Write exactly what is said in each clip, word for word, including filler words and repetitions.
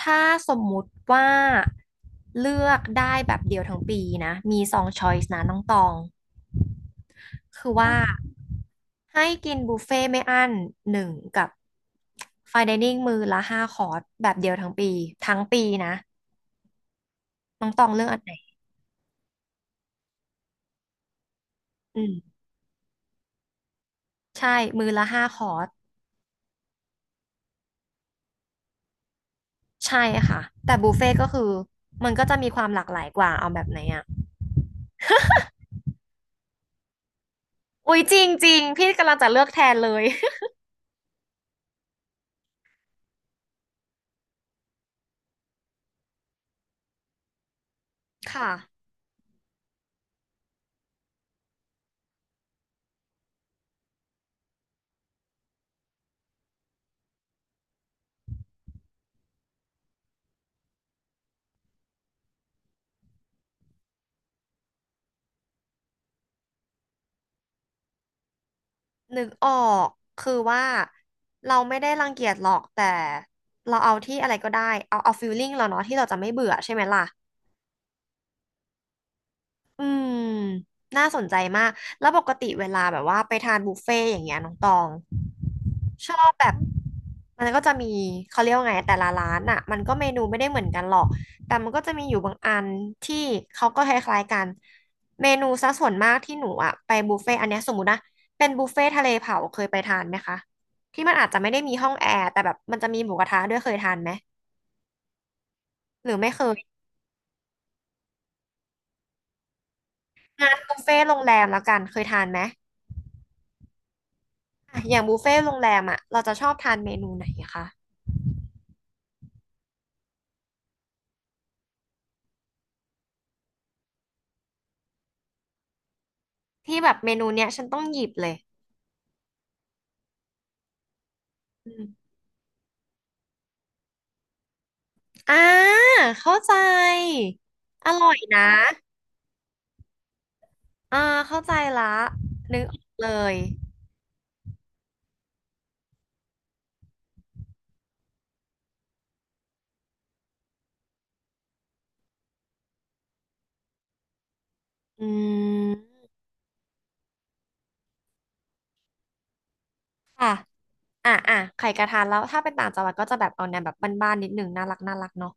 ถ้าสมมุติว่าเลือกได้แบบเดียวทั้งปีนะมีสองช้อยส์นะน้องตองคือว่าให้กินบุฟเฟ่ไม่อั้นหนึ่งกับไฟน์ไดนิ่งมื้อละห้าคอร์สแบบเดียวทั้งปีทั้งปีนะน้องตองเลือกอันไหนอืมใช่มื้อละห้าคอร์สใช่ค่ะแต่บุฟเฟ่ก็คือมันก็จะมีความหลากหลายกว่าเอาแบบไหนอ่ะอุ๊ยจริงจริงพี่กำลังจะเลือกแทนเลย ค่ะ นึกออกคือว่าเราไม่ได้รังเกียจหรอกแต่เราเอาที่อะไรก็ได้เอาเอาฟีลลิ่งเราเนาะที่เราจะไม่เบื่อใช่ไหมล่ะ อืมน่าสนใจมาก แล้วปกติเวลาแบบว่าไปทานบุฟเฟ่ต์อย่างเงี้ยน้องตองชอบแบบมันก็จะมีเขาเรียกว่าไงแต่ละร้านอ่ะมันก็เมนูไม่ได้เหมือนกันหรอกแต่มันก็จะมีอยู่บางอันที่เขาก็คล้ายๆกันเมนูซะส่วนมากที่หนูอ่ะไปบุฟเฟ่ต์อันเนี้ยสมมตินะเป็นบุฟเฟ่ต์ทะเลเผาเคยไปทานไหมคะที่มันอาจจะไม่ได้มีห้องแอร์แต่แบบมันจะมีหมูกระทะด้วยเคยทานไหมหรือไม่เคยงานบุฟเฟ่ต์โรงแรมแล้วกันเคยทานไหม อะอย่างบุฟเฟ่ต์โรงแรมอ่ะเราจะชอบทานเมนูไหนคะที่แบบเมนูเนี้ยฉันต้องหยิบเลยอืมอ่าเข้าใจอร่อยนะอ่าเข้าใจละนึกออกเลยอืมค่ะอ่ะอ่ะไข่กระทานแล้วถ้าเป็นต่างจังหวัดก็จะแบบเอาแนวแบบบ้านๆนิดหนึ่งน่ารักน่ารักเนาะ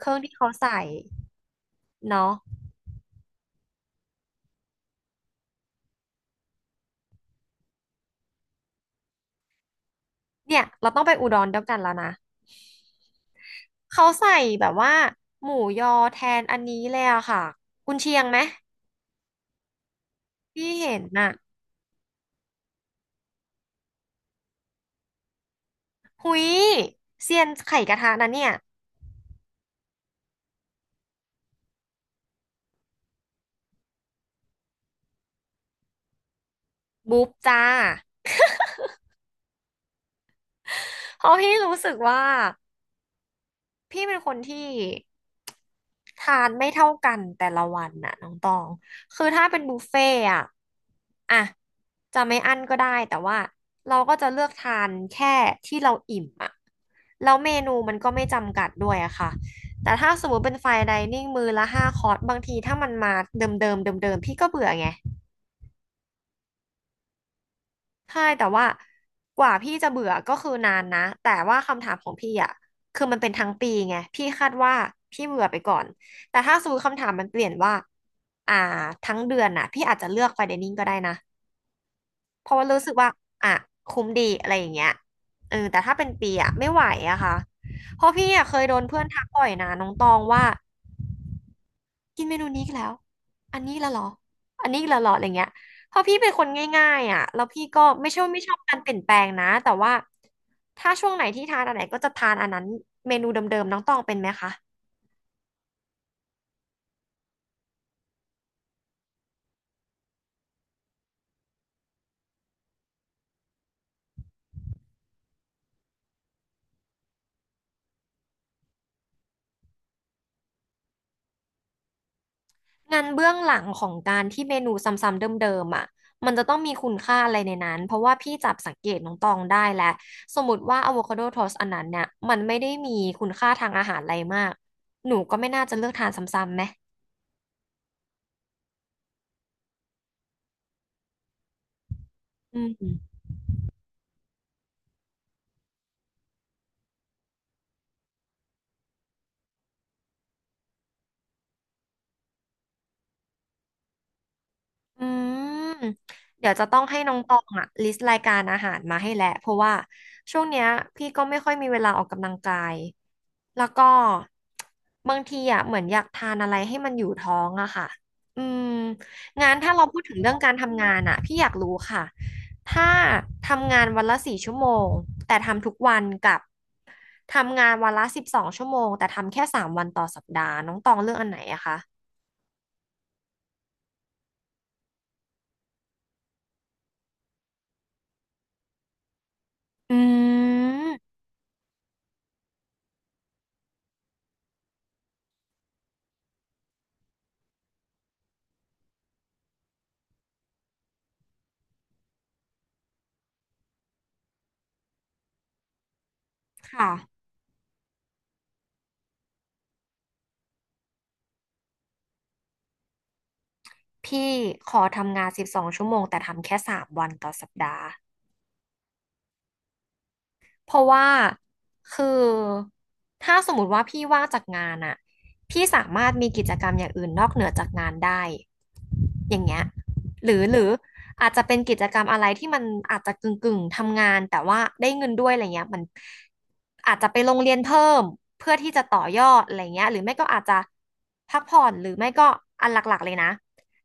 เครื่องที่เขาใส่เนาะเนี่ยเราต้องไปอุดรเดียวกันแล้วนะเขาใส่แบบว่าหมูยอแทนอันนี้เลยอะค่ะกุนเชียงไหมที่เห็นน่ะ หุยเซียนไข่กระทะนะเนี่ยบุ๊บจ้าเพราะพี่รู้สึกว่าพี่เป็นคนที่ทานไม่เท่ากันแต่ละวันน่ะน้องตองคือถ้าเป็นบุฟเฟ่ต์อะอะจะไม่อั้นก็ได้แต่ว่าเราก็จะเลือกทานแค่ที่เราอิ่มอะแล้วเมนูมันก็ไม่จำกัดด้วยอะค่ะแต่ถ้าสมมติเป็นไฟน์ไดนิ่งมื้อละห้าคอร์สบางทีถ้ามันมาเดิมๆเดิมๆพี่ก็เบื่อไง ใช่แต่ว่ากว่าพี่จะเบื่อก็คือนานนะแต่ว่าคำถามของพี่อ่ะคือมันเป็นทั้งปีไงพี่คาดว่าพี่เบื่อไปก่อนแต่ถ้าสมมติคำถามมันเปลี่ยนว่าอ่าทั้งเดือนน่ะพี่อาจจะเลือกไฟเดนิ่งก็ได้นะเพราะว่ารู้สึกว่าอ่ะคุ้มดีอะไรอย่างเงี้ยเออแต่ถ้าเป็นปีอ่ะไม่ไหวอะค่ะเพราะพี่อ่ะเคยโดนเพื่อนทักบ่อยนะน้องตองว่า กินเมนูนี้อีกแล้วอันนี้ละเหรออันนี้ละเหรออะไรเงี้ยเพราะพี่เป็นคนง่ายๆอ่ะแล้วพี่ก็ไม่ใช่ว่าไม่ชอบการเปลี่ยนแปลงนะแต่ว่าถ้าช่วงไหนที่ทานอันไหนก็จะทานอันนั้นเมนูเดิมๆน้องตองเป็นไหมคะงานเบื้องหลังของการที่เมนูซ้ำๆเดิมๆอ่ะมันจะต้องมีคุณค่าอะไรในนั้น เพราะว่าพี่จับสังเกตน้องตองได้แหละสมมติว่าอะโวคาโดโทสอันนั้นเนี่ยมันไม่ได้มีคุณค่าทางอาหารอะไรมากหนูก็ไม่น่าจะเลือกทานซ้ำๆไหมอืม อืมเดี๋ยวจะต้องให้น้องตองอะลิสต์รายการอาหารมาให้แหละเพราะว่าช่วงเนี้ยพี่ก็ไม่ค่อยมีเวลาออกกำลังกายแล้วก็บางทีอะเหมือนอยากทานอะไรให้มันอยู่ท้องอะค่ะอืมงานถ้าเราพูดถึงเรื่องการทำงานอะพี่อยากรู้ค่ะถ้าทำงานวันละสี่ชั่วโมงแต่ทำทุกวันกับทำงานวันละสิบสองชั่วโมงแต่ทำแค่สามวันต่อสัปดาห์น้องตองเลือกอันไหนอะคะอืมค่ะ พี่ขอทำงานสิบสองชั่วโมงแต่ทำแค่สามวันต่อสัปดาห์ เพราะว่าคือถ้าสมมติว่าพี่ว่างจากงานอะพี่สามารถมีกิจกรรมอย่างอื่นนอกเหนือจากงานได้อย่างเงี้ยหรือหรืออาจจะเป็นกิจกรรมอะไรที่มันอาจจะกึ่งกึ่งทำงานแต่ว่าได้เงินด้วยอะไรเงี้ยมันอาจจะไปโรงเรียนเพิ่มเพื่อที่จะต่อยอดอะไรเงี้ยหรือไม่ก็อาจจะพักผ่อนหรือไม่ก็อันหลักๆเลยนะ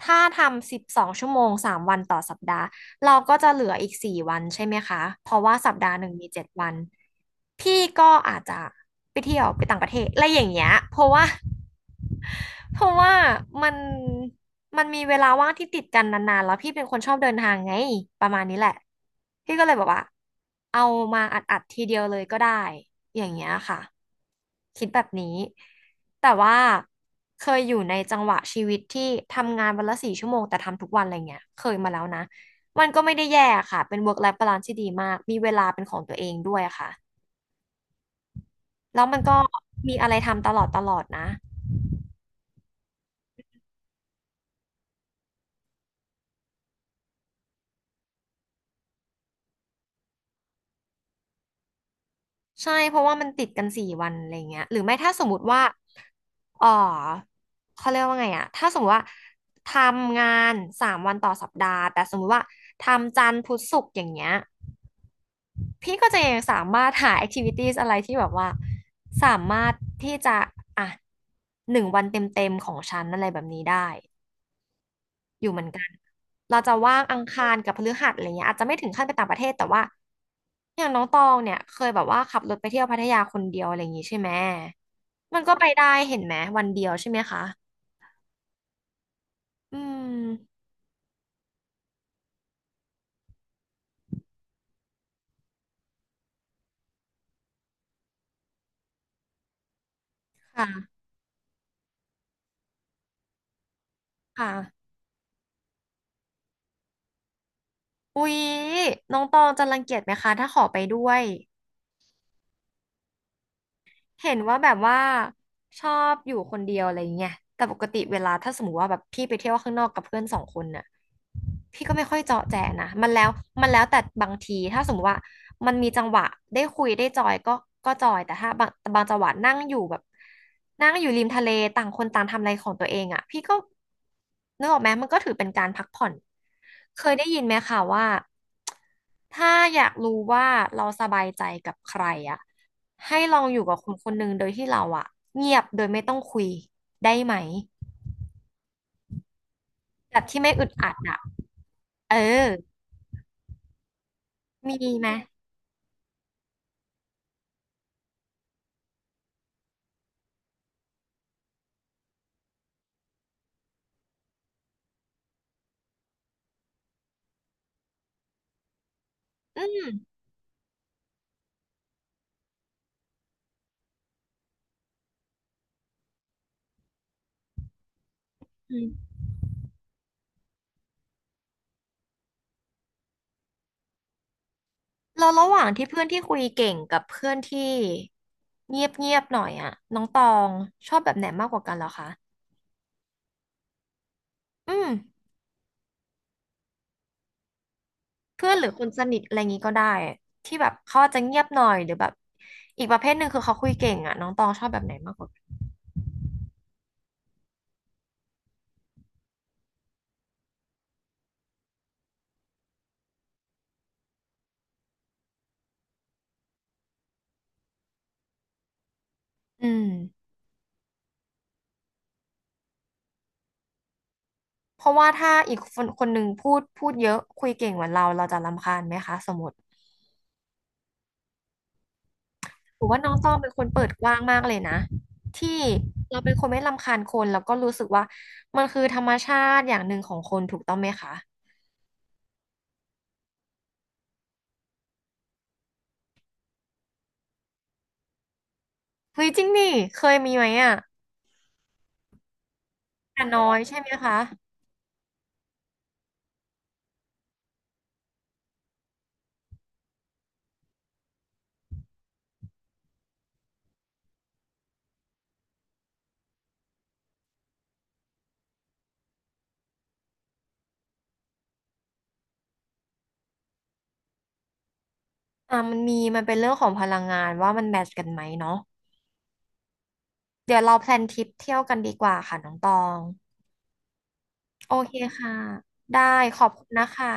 ถ้าทำสิบสองชั่วโมงสามวันต่อสัปดาห์ เราก็จะเหลืออีกสี่วันใช่ไหมคะ เพราะว่าสัปดาห์หนึ่งมีเจ็ดวัน พี่ก็อาจจะไปเที่ยวไปต่างประเทศอะไรอย่างเงี้ย เพราะว่า เพราะว่ามันมันมีเวลาว่างที่ติดกันนานๆ แล้วพี่เป็นคนชอบเดินทางไง ประมาณนี้แหละ พี่ก็เลยบอกว่าเอามาอัดๆทีเดียวเลยก็ได้อย่างเงี้ยค่ะคิดแบบนี้ แต่ว่าเคยอยู่ในจังหวะชีวิตที่ทำงานวันละสี่ชั่วโมงแต่ทำทุกวันอะไรเงี้ยเคยมาแล้วนะ มันก็ไม่ได้แย่ค่ะ เป็น เวิร์ค ไลฟ์ บาลานซ์ ที่ดีมาก มีเวลาเป็นของตัวเองด้วยค่ะ แล้วมันก็มีอะไรทำตลอดตลอดนะ ใช่ เพราะว่ามันติดกันสี่วันอะไรเงี้ยหรือไม่ถ้าสมมติว่าเออเขาเรียกว่าไงอะถ้าสมมติว่าทำงานสามวันต่อสัปดาห์แต่สมมติว่าทำจันทร์พุธศุกร์อย่างเงี้ย พี่ก็จะยังสามารถหา แอคทิวิตี้ อะไรที่แบบว่าสามารถที่จะอ่ะหนึ่งวันเต็มๆของฉันอะไรแบบนี้ได้ อยู่เหมือนกันเราจะว่างอังคารกับพฤหัสอะไรเงี้ยอาจจะไม่ถึงขั้นไปต่างประเทศแต่ว่าอย่างน้องตองเนี่ยเคยแบบว่าขับรถไปเที่ยวพัทยาคนเดียวอะไรอย่างงี้ใช่ไหมมันก็ไปได้เห็นไหมวันเดียวใช่ไหมคะอืมค่ะค่ะอุ๊ยน้องตองจะรังเกียจไหมคะถ้าขอไปด้วย เห็นว่าแบบว่าชอบอยู่คนเดียวอะไรอย่างเงี้ยแต่ปกติเวลาถ้าสมมติว่าแบบพี่ไปเที่ยวข้างนอกกับเพื่อนสองคนน่ะพี่ก็ไม่ค่อยเจาะแจนะมันแล้วมันแล้วแต่บางทีถ้าสมมติว่ามันมีจังหวะได้คุยได้จอยก็ก็จอยแต่ถ้าบางแต่บางจังหวะนั่งอยู่แบบนั่งอยู่ริมทะเลต่างคนต่างทำอะไรของตัวเองอ่ะพี่ก็นึกออกไหมมันก็ถือเป็นการพักผ่อนเคยได้ยินไหมคะว่า ถ้าอยากรู้ว่าเราสบายใจกับใครอ่ะให้ลองอยู่กับคนคนหนึ่งโดยที่เราอ่ะเงียบโดยไม่ต้องคุยได้ไหมแบบที่ไม่อึดอัดอ่ะเออมีไหมอืมเราระหว่างที่เพื่อนที่คุยเก่งกับเพื่อนที่เงียบเงียบหน่อยอ่ะน้องตองชอบแบบไหนมากกว่ากันเหรอคะอืมเพื่อนหรือคนสนิทอะไรงี้ก็ได้ที่แบบเขาอาจจะเงียบหน่อยหรือแบบอีกประเภทหนึ่งคือเขาคุยเก่งอ่ะน้องตองชอบแบบไหนมากกว่ากันอืม เพราะว่าถ้าอีกคนคนหนึ่งพูดพูดเยอะคุยเก่งเหมือนเราเราจะรำคาญไหมคะสมมติหรือว่าน้องตองเป็นคนเปิดกว้างมากเลยนะที่เราเป็นคนไม่รำคาญคนแล้วก็รู้สึกว่ามันคือธรรมชาติอย่างหนึ่งของคนถูกต้องไหมคะเฮ้ยจริงดิเคยมีไหมอ่ะแต่น้อยใช่ไหมคะอ่ามันมีมันเป็นเรื่องของพลังงานว่ามันแมทช์กันไหมเนาะเดี๋ยวเราแพลนทริปเที่ยวกันดีกว่าค่ะน้องตองโอเคค่ะได้ขอบคุณนะคะ